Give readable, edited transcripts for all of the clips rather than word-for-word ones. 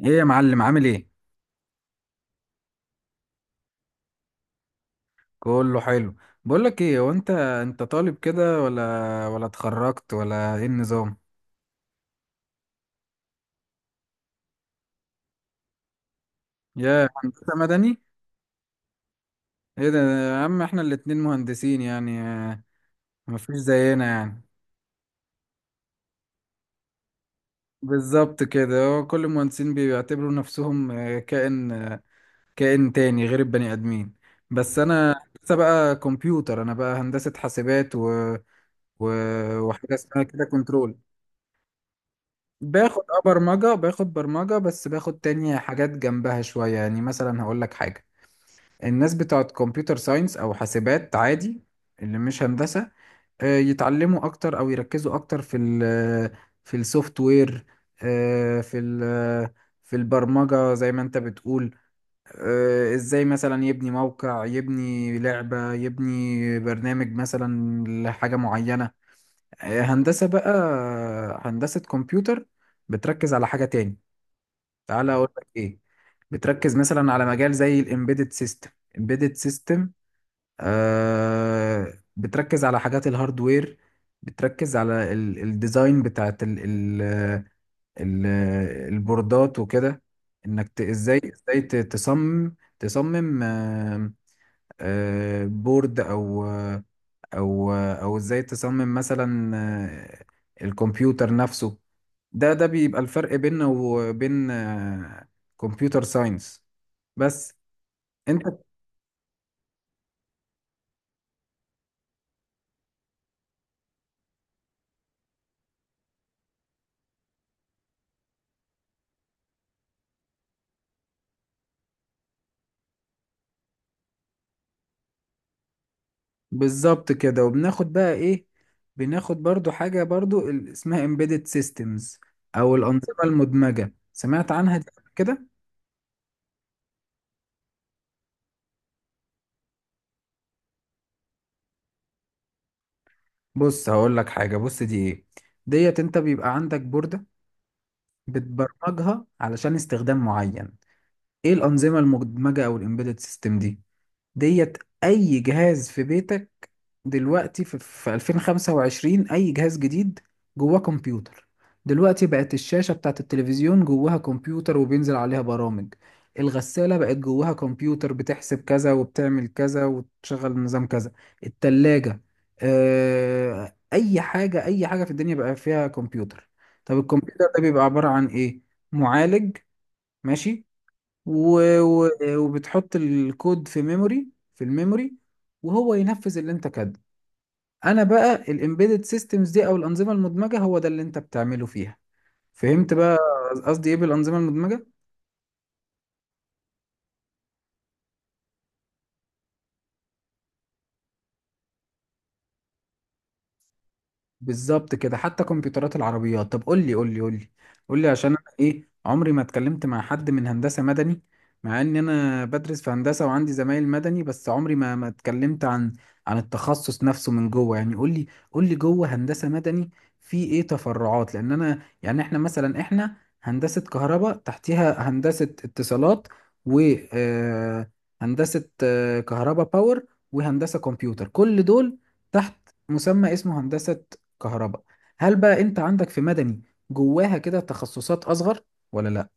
ايه يا معلم، عامل ايه؟ كله حلو. بقول لك ايه، هو انت طالب كده، ولا اتخرجت، ولا ايه النظام؟ يا هندسه مدني. ايه ده يا عم، احنا الاتنين مهندسين يعني. مفيش زينا يعني. بالظبط كده، هو كل المهندسين بيعتبروا نفسهم كائن تاني غير البني ادمين. بس انا لسه بقى كمبيوتر، انا بقى هندسه حاسبات و... وحاجه اسمها كده كنترول. باخد برمجة، بس باخد تاني حاجات جنبها شوية يعني، مثلا هقول لك حاجة. الناس بتاعت كمبيوتر ساينس أو حاسبات عادي، اللي مش هندسة، يتعلموا أكتر أو يركزوا أكتر في السوفت وير، آه، في ال في البرمجة زي ما أنت بتقول. إزاي مثلا يبني موقع، يبني لعبة، يبني برنامج مثلا لحاجة معينة. هندسة بقى، هندسة كمبيوتر، بتركز على حاجة تاني. تعالى اقول لك ايه، بتركز مثلا على مجال زي الامبيدد سيستم. امبيدد سيستم، آه، بتركز على حاجات الهاردوير. بتركز على الديزاين بتاعت ال ال ال البوردات وكده. انك ازاي تصمم بورد، او ازاي تصمم مثلا الكمبيوتر نفسه. ده بيبقى الفرق بيننا وبين كمبيوتر ساينس. بس. انت. بالظبط كده، وبناخد بقى ايه؟ بناخد برضو حاجة، برضو اسمها embedded systems، او الانظمة المدمجة. سمعت عنها دي قبل كده؟ بص هقول لك حاجة، بص دي ايه. ديت انت بيبقى عندك بوردة بتبرمجها علشان استخدام معين. ايه الانظمة المدمجة او الامبيدد سيستم دي؟ ديت اي جهاز في بيتك دلوقتي، في 2025 اي جهاز جديد جواه كمبيوتر. دلوقتي بقت الشاشة بتاعت التلفزيون جواها كمبيوتر وبينزل عليها برامج. الغسالة بقت جواها كمبيوتر، بتحسب كذا وبتعمل كذا وتشغل نظام كذا. التلاجة، اي حاجة، اي حاجة في الدنيا بقى فيها كمبيوتر. طب الكمبيوتر ده بيبقى عبارة عن ايه؟ معالج، ماشي، و... و... وبتحط الكود في ميموري في الميموري، وهو ينفذ اللي انت كاتبه. انا بقى الامبيدد سيستمز دي او الانظمه المدمجه هو ده اللي انت بتعمله فيها. فهمت بقى قصدي ايه بالانظمه المدمجه؟ بالظبط كده، حتى كمبيوترات العربيات. طب قول لي عشان انا ايه، عمري ما اتكلمت مع حد من هندسة مدني. مع ان انا بدرس في هندسة وعندي زمايل مدني، بس عمري ما اتكلمت عن عن التخصص نفسه من جوه. يعني قول لي، قول لي جوه هندسة مدني في ايه تفرعات. لان انا يعني، احنا مثلا، احنا هندسة كهرباء تحتيها هندسة اتصالات، و آه، هندسة كهرباء باور، وهندسة كمبيوتر. كل دول تحت مسمى اسمه هندسة كهرباء. هل بقى انت عندك في مدني جواها كده تخصصات اصغر، ولا لا؟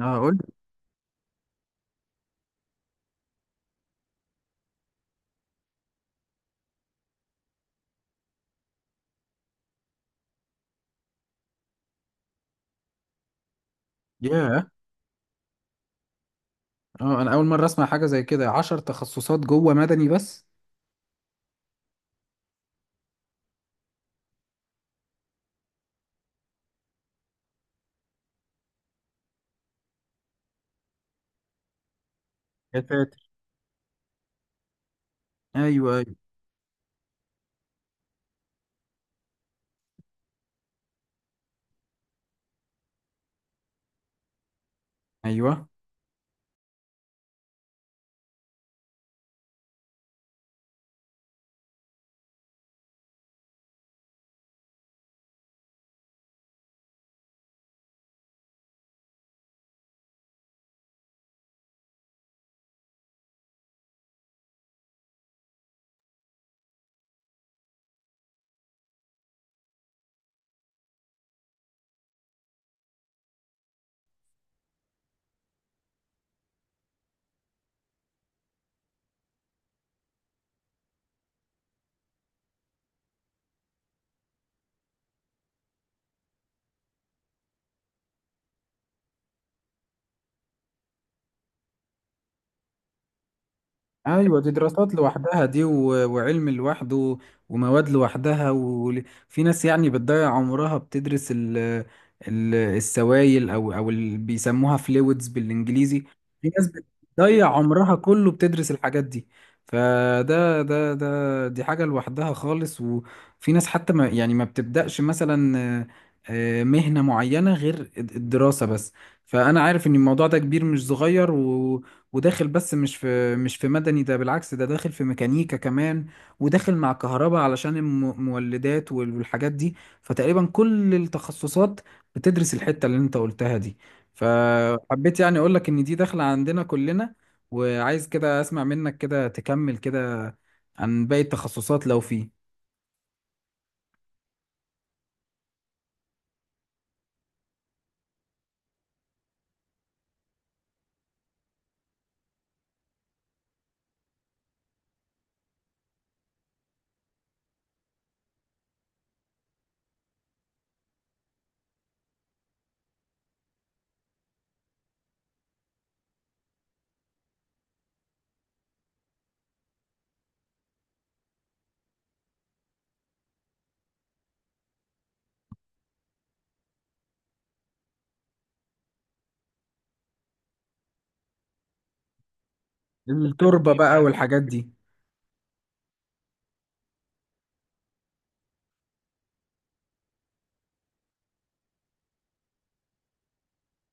اه قول. ياه، اه، انا اول مره اسمع حاجه زي كده، 10 تخصصات جوه مدني بس. يا ساتر، ايوه ايوه. ايوه ايوه، دي دراسات لوحدها، دي وعلم لوحده ومواد لوحدها. وفي ناس يعني بتضيع عمرها بتدرس ال السوائل، او اللي بيسموها فلويدز بالانجليزي. في ناس بتضيع عمرها كله بتدرس الحاجات دي. فده ده ده دي حاجة لوحدها خالص. وفي ناس حتى ما يعني ما بتبدأش مثلا آه، آه، مهنة معينة غير الدراسة بس. فأنا عارف إن الموضوع ده كبير مش صغير، وداخل. بس مش في مدني ده، بالعكس ده داخل في ميكانيكا كمان، وداخل مع كهرباء علشان المولدات والحاجات دي. فتقريبا كل التخصصات بتدرس الحتة اللي انت قلتها دي. فحبيت يعني اقول لك ان دي داخلة عندنا كلنا. وعايز كده اسمع منك كده تكمل كده عن باقي التخصصات لو فيه. التربة بقى والحاجات دي.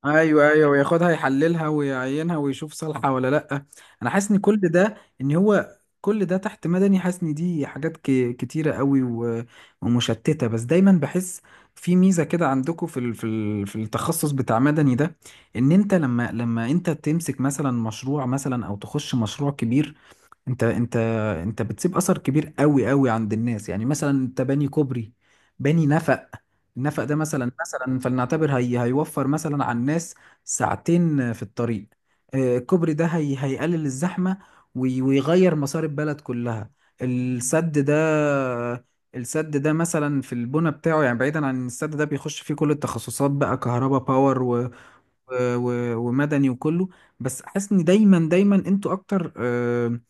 ايوه ايوه، وياخدها يحللها ويعينها ويشوف صالحه ولا لا. انا حاسس ان كل ده، تحت مدني. حاسس ان دي حاجات كتيره قوي ومشتته. بس دايما بحس في ميزه كده عندكم في التخصص بتاع مدني ده، ان انت لما انت تمسك مثلا مشروع، مثلا او تخش مشروع كبير، انت انت انت بتسيب اثر كبير قوي قوي عند الناس. يعني مثلا انت باني كوبري، باني نفق. النفق ده مثلا، مثلا فلنعتبر هيوفر مثلا على الناس ساعتين في الطريق. الكوبري ده هيقلل الزحمة وي- ويغير مسار البلد كلها. السد ده، السد ده مثلا في البنى بتاعه، يعني بعيدا عن السد ده بيخش فيه كل التخصصات بقى، كهرباء باور ومدني وكله. بس حاسس ان دايما دايما انتوا اكتر آه،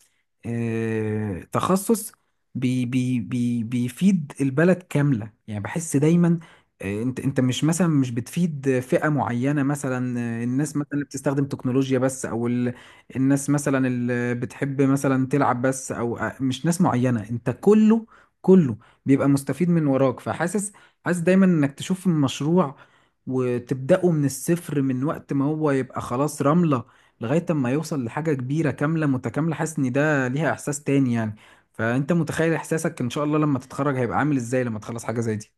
آه، تخصص بي بي بي بيفيد البلد كاملة. يعني بحس دايما انت مش بتفيد فئة معينة مثلا، الناس مثلا اللي بتستخدم تكنولوجيا بس، او الناس مثلا اللي بتحب مثلا تلعب بس، او مش ناس معينة، انت كله، كله بيبقى مستفيد من وراك. حاسس دايما انك تشوف المشروع وتبدأه من الصفر، من وقت ما هو يبقى خلاص رملة لغاية ما يوصل لحاجة كبيرة كاملة متكاملة. حاسس ان ده ليها احساس تاني يعني. فانت متخيل احساسك، ان شاء الله لما تتخرج هيبقى عامل ازاي لما تخلص حاجه زي دي؟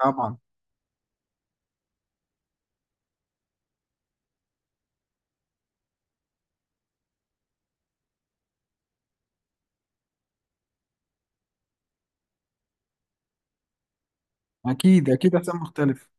طبعا. اكيد اكيد احساس مختلف.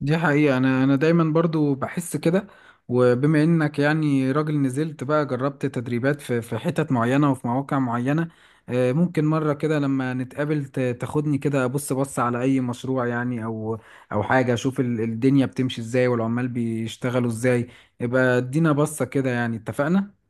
دي حقيقه، انا دايما برضو بحس كده. وبما انك يعني راجل نزلت بقى جربت تدريبات في حتت معينه وفي مواقع معينه، ممكن مره كده لما نتقابل تاخدني كده بص على اي مشروع يعني، او او حاجه، اشوف الدنيا بتمشي ازاي والعمال بيشتغلوا ازاي. يبقى ادينا بصه كده، يعني اتفقنا.